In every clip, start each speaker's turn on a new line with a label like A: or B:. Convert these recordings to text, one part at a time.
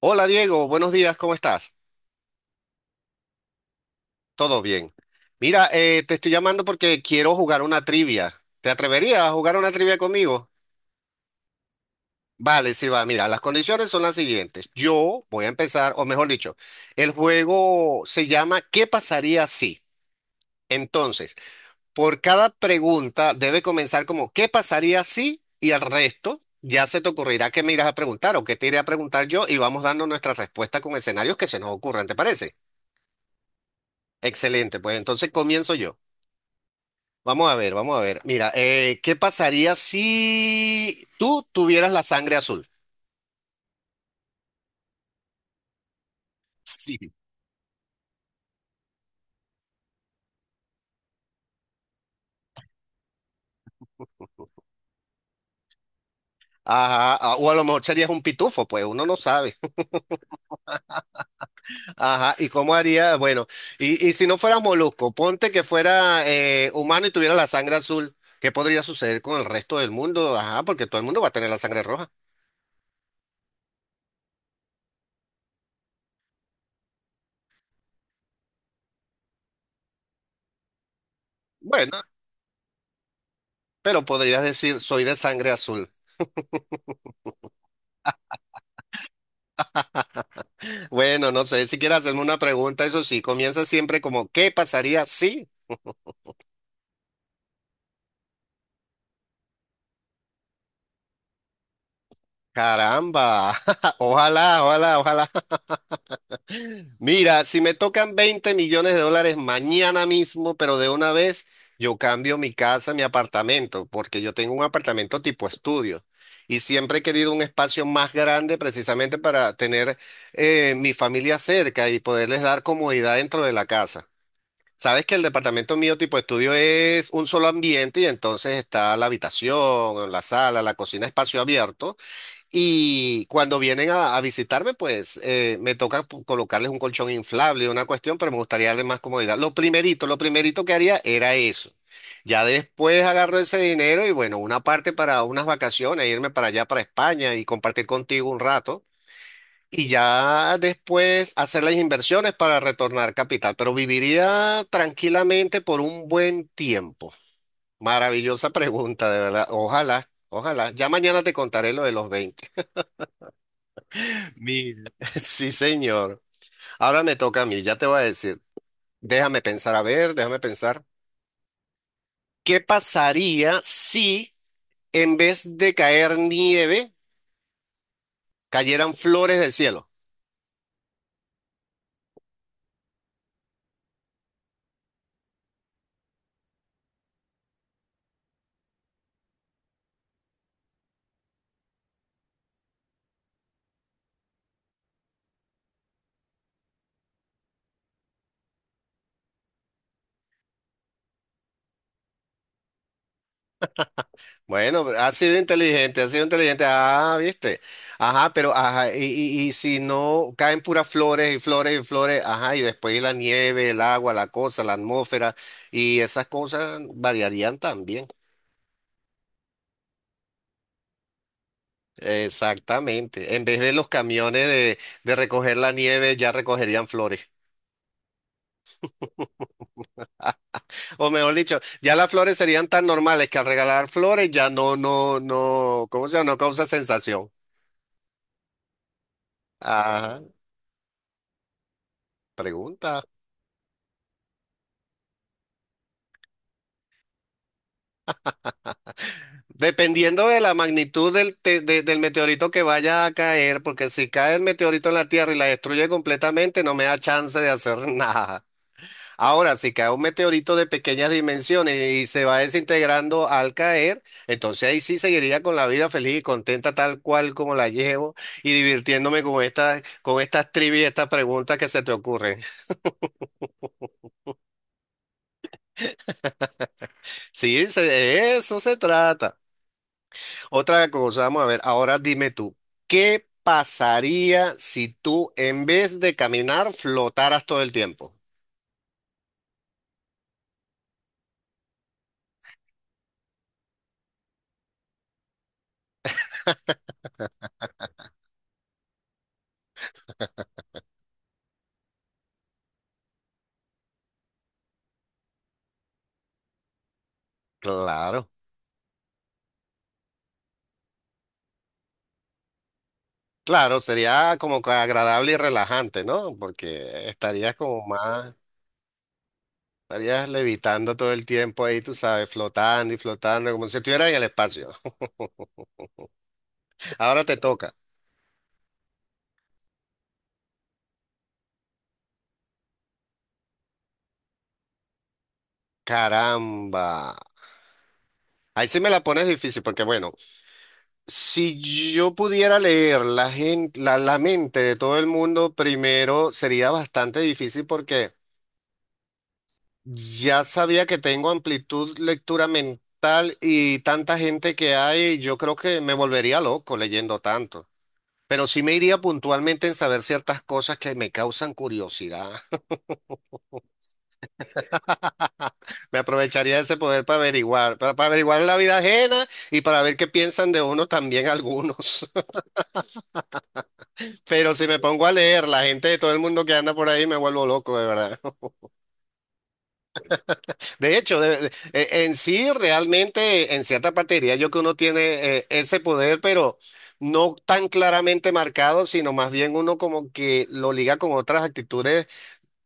A: Hola Diego, buenos días, ¿cómo estás? ¿Todo bien? Mira, te estoy llamando porque quiero jugar una trivia. ¿Te atreverías a jugar una trivia conmigo? Vale, sí va. Mira, las condiciones son las siguientes. Yo voy a empezar, o mejor dicho, el juego se llama ¿Qué pasaría si? Entonces, por cada pregunta debe comenzar como ¿qué pasaría si? Y al resto ya se te ocurrirá qué me irás a preguntar o qué te iré a preguntar yo y vamos dando nuestra respuesta con escenarios que se nos ocurran, ¿te parece? Excelente, pues entonces comienzo yo. Vamos a ver, vamos a ver. Mira, ¿qué pasaría si tú tuvieras la sangre azul? Sí. Ajá, o a lo mejor serías un pitufo, pues uno no sabe. Ajá, ¿y cómo haría? Bueno, y si no fueras molusco, ponte que fuera humano y tuviera la sangre azul, ¿qué podría suceder con el resto del mundo? Ajá, porque todo el mundo va a tener la sangre roja. Bueno, pero podrías decir, soy de sangre azul. Bueno, no sé, si quieres hacerme una pregunta, eso sí, comienza siempre como, ¿qué pasaría si? Caramba, ojalá, ojalá, ojalá. Mira, si me tocan 20 millones de dólares mañana mismo, pero de una vez, yo cambio mi casa, mi apartamento, porque yo tengo un apartamento tipo estudio y siempre he querido un espacio más grande precisamente para tener mi familia cerca y poderles dar comodidad dentro de la casa. Sabes que el departamento mío tipo estudio es un solo ambiente y entonces está la habitación, la sala, la cocina, espacio abierto. Y cuando vienen a visitarme, pues me toca colocarles un colchón inflable, una cuestión, pero me gustaría darles más comodidad. Lo primerito que haría era eso. Ya después agarro ese dinero y bueno, una parte para unas vacaciones, irme para allá, para España y compartir contigo un rato. Y ya después hacer las inversiones para retornar capital. Pero viviría tranquilamente por un buen tiempo. Maravillosa pregunta, de verdad. Ojalá, ojalá. Ya mañana te contaré lo de los 20. Mira. Sí, señor. Ahora me toca a mí, ya te voy a decir. Déjame pensar, a ver, déjame pensar. ¿Qué pasaría si en vez de caer nieve, cayeran flores del cielo? Bueno, ha sido inteligente, ha sido inteligente. Ah, viste. Ajá, pero ajá, y si no caen puras flores y flores y flores, ajá, y después la nieve, el agua, la cosa, la atmósfera y esas cosas variarían también. Exactamente. En vez de los camiones de recoger la nieve, ya recogerían flores. O mejor dicho, ya las flores serían tan normales que al regalar flores ya no, no, no, ¿cómo se llama? No causa sensación. Ajá, pregunta. Dependiendo de la magnitud del meteorito que vaya a caer, porque si cae el meteorito en la Tierra y la destruye completamente, no me da chance de hacer nada. Ahora, si cae un meteorito de pequeñas dimensiones y se va desintegrando al caer, entonces ahí sí seguiría con la vida feliz y contenta tal cual como la llevo y divirtiéndome con estas trivias y estas preguntas que se te ocurren. Sí, de eso se trata. Otra cosa, vamos a ver, ahora dime tú, ¿qué pasaría si tú en vez de caminar flotaras todo el tiempo? Claro. Claro, sería como que agradable y relajante, ¿no? Porque estarías como más... Estarías levitando todo el tiempo ahí, tú sabes, flotando y flotando, como si estuvieras en el espacio. Ahora te toca. Caramba. Ahí sí me la pones difícil, porque bueno, si yo pudiera leer la gente, la mente de todo el mundo, primero sería bastante difícil porque ya sabía que tengo amplitud lectura mental y tanta gente que hay, yo creo que me volvería loco leyendo tanto. Pero sí me iría puntualmente en saber ciertas cosas que me causan curiosidad. Me aprovecharía de ese poder para averiguar, para averiguar la vida ajena y para ver qué piensan de uno también algunos. Pero si me pongo a leer la gente de todo el mundo que anda por ahí, me vuelvo loco, de verdad. De hecho, en sí, realmente, en cierta parte diría yo que uno tiene ese poder, pero no tan claramente marcado, sino más bien uno como que lo liga con otras actitudes.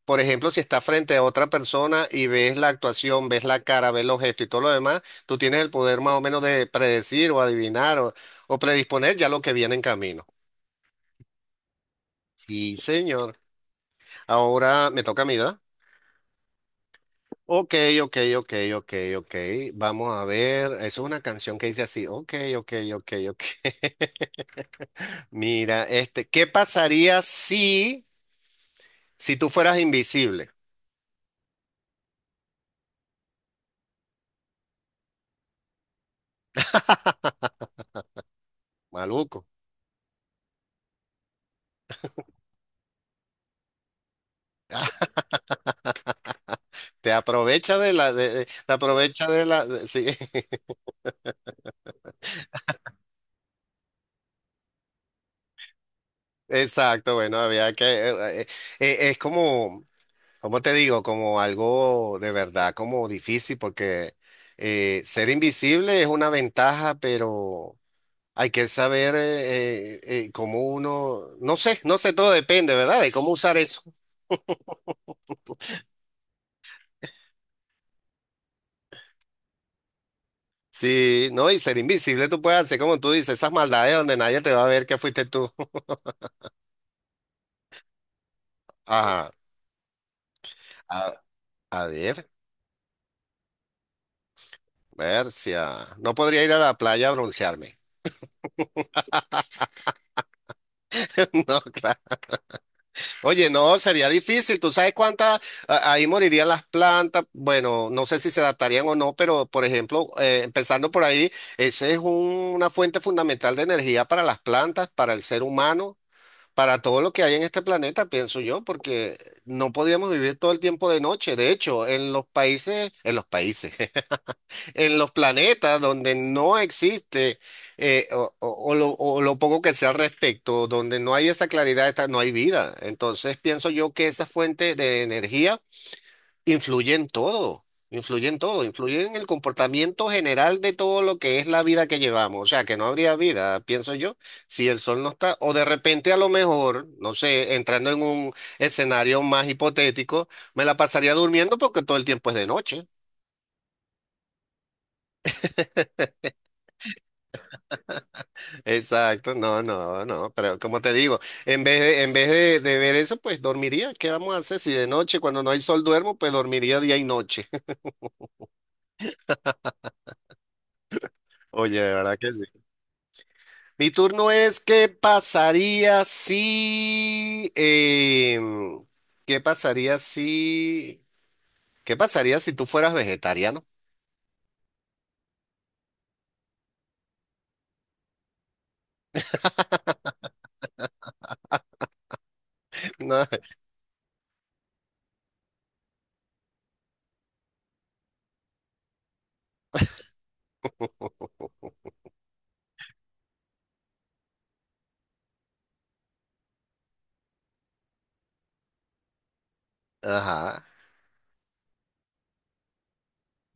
A: Por ejemplo, si estás frente a otra persona y ves la actuación, ves la cara, ves los gestos y todo lo demás, tú tienes el poder más o menos de predecir o adivinar o predisponer ya lo que viene en camino. Sí, señor. Ahora me toca a mí, ¿verdad? Ok, ok, ok, ok, ok. Vamos a ver. Eso es una canción que dice así. Ok, ok, ok, ok. Mira, ¿qué pasaría si tú fueras invisible? Maluco. Te aprovecha de la, sí. Exacto, bueno, había que, es como, como te digo, como algo de verdad, como difícil, porque ser invisible es una ventaja, pero hay que saber cómo uno, no sé, no sé, todo depende, ¿verdad? De cómo usar eso. Sí, no, y ser invisible tú puedes hacer, como tú dices, esas maldades donde nadie te va a ver que fuiste tú. Ajá, a, a ver, Bercia, no podría ir a la playa a broncearme. No, claro. Oye, no, sería difícil. ¿Tú sabes cuántas? Ahí morirían las plantas. Bueno, no sé si se adaptarían o no, pero por ejemplo, empezando por ahí, esa es una fuente fundamental de energía para las plantas, para el ser humano, para todo lo que hay en este planeta, pienso yo, porque no podíamos vivir todo el tiempo de noche. De hecho, en los países, en los planetas donde no existe o lo poco que sea al respecto, donde no hay esa claridad, no hay vida. Entonces pienso yo que esa fuente de energía influye en todo, influye en todo, influye en el comportamiento general de todo lo que es la vida que llevamos. O sea, que no habría vida, pienso yo, si el sol no está, o de repente a lo mejor, no sé, entrando en un escenario más hipotético, me la pasaría durmiendo porque todo el tiempo es de noche. Exacto, no, no, no, pero como te digo, en vez de ver eso, pues dormiría. ¿Qué vamos a hacer? Si de noche, cuando no hay sol, duermo, pues dormiría día y noche. Oye, de verdad que sí. Mi turno es, qué pasaría si, qué pasaría si tú fueras vegetariano? No, ajá.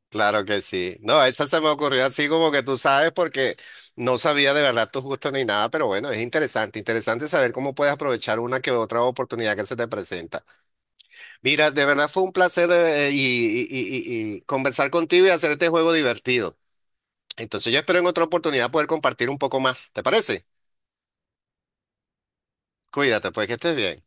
A: Claro que sí. No, esa se me ocurrió así como que tú sabes porque no sabía de verdad tus gustos ni nada, pero bueno, es interesante, interesante saber cómo puedes aprovechar una que otra oportunidad que se te presenta. Mira, de verdad fue un placer y conversar contigo y hacer este juego divertido. Entonces yo espero en otra oportunidad poder compartir un poco más. ¿Te parece? Cuídate, pues que estés bien.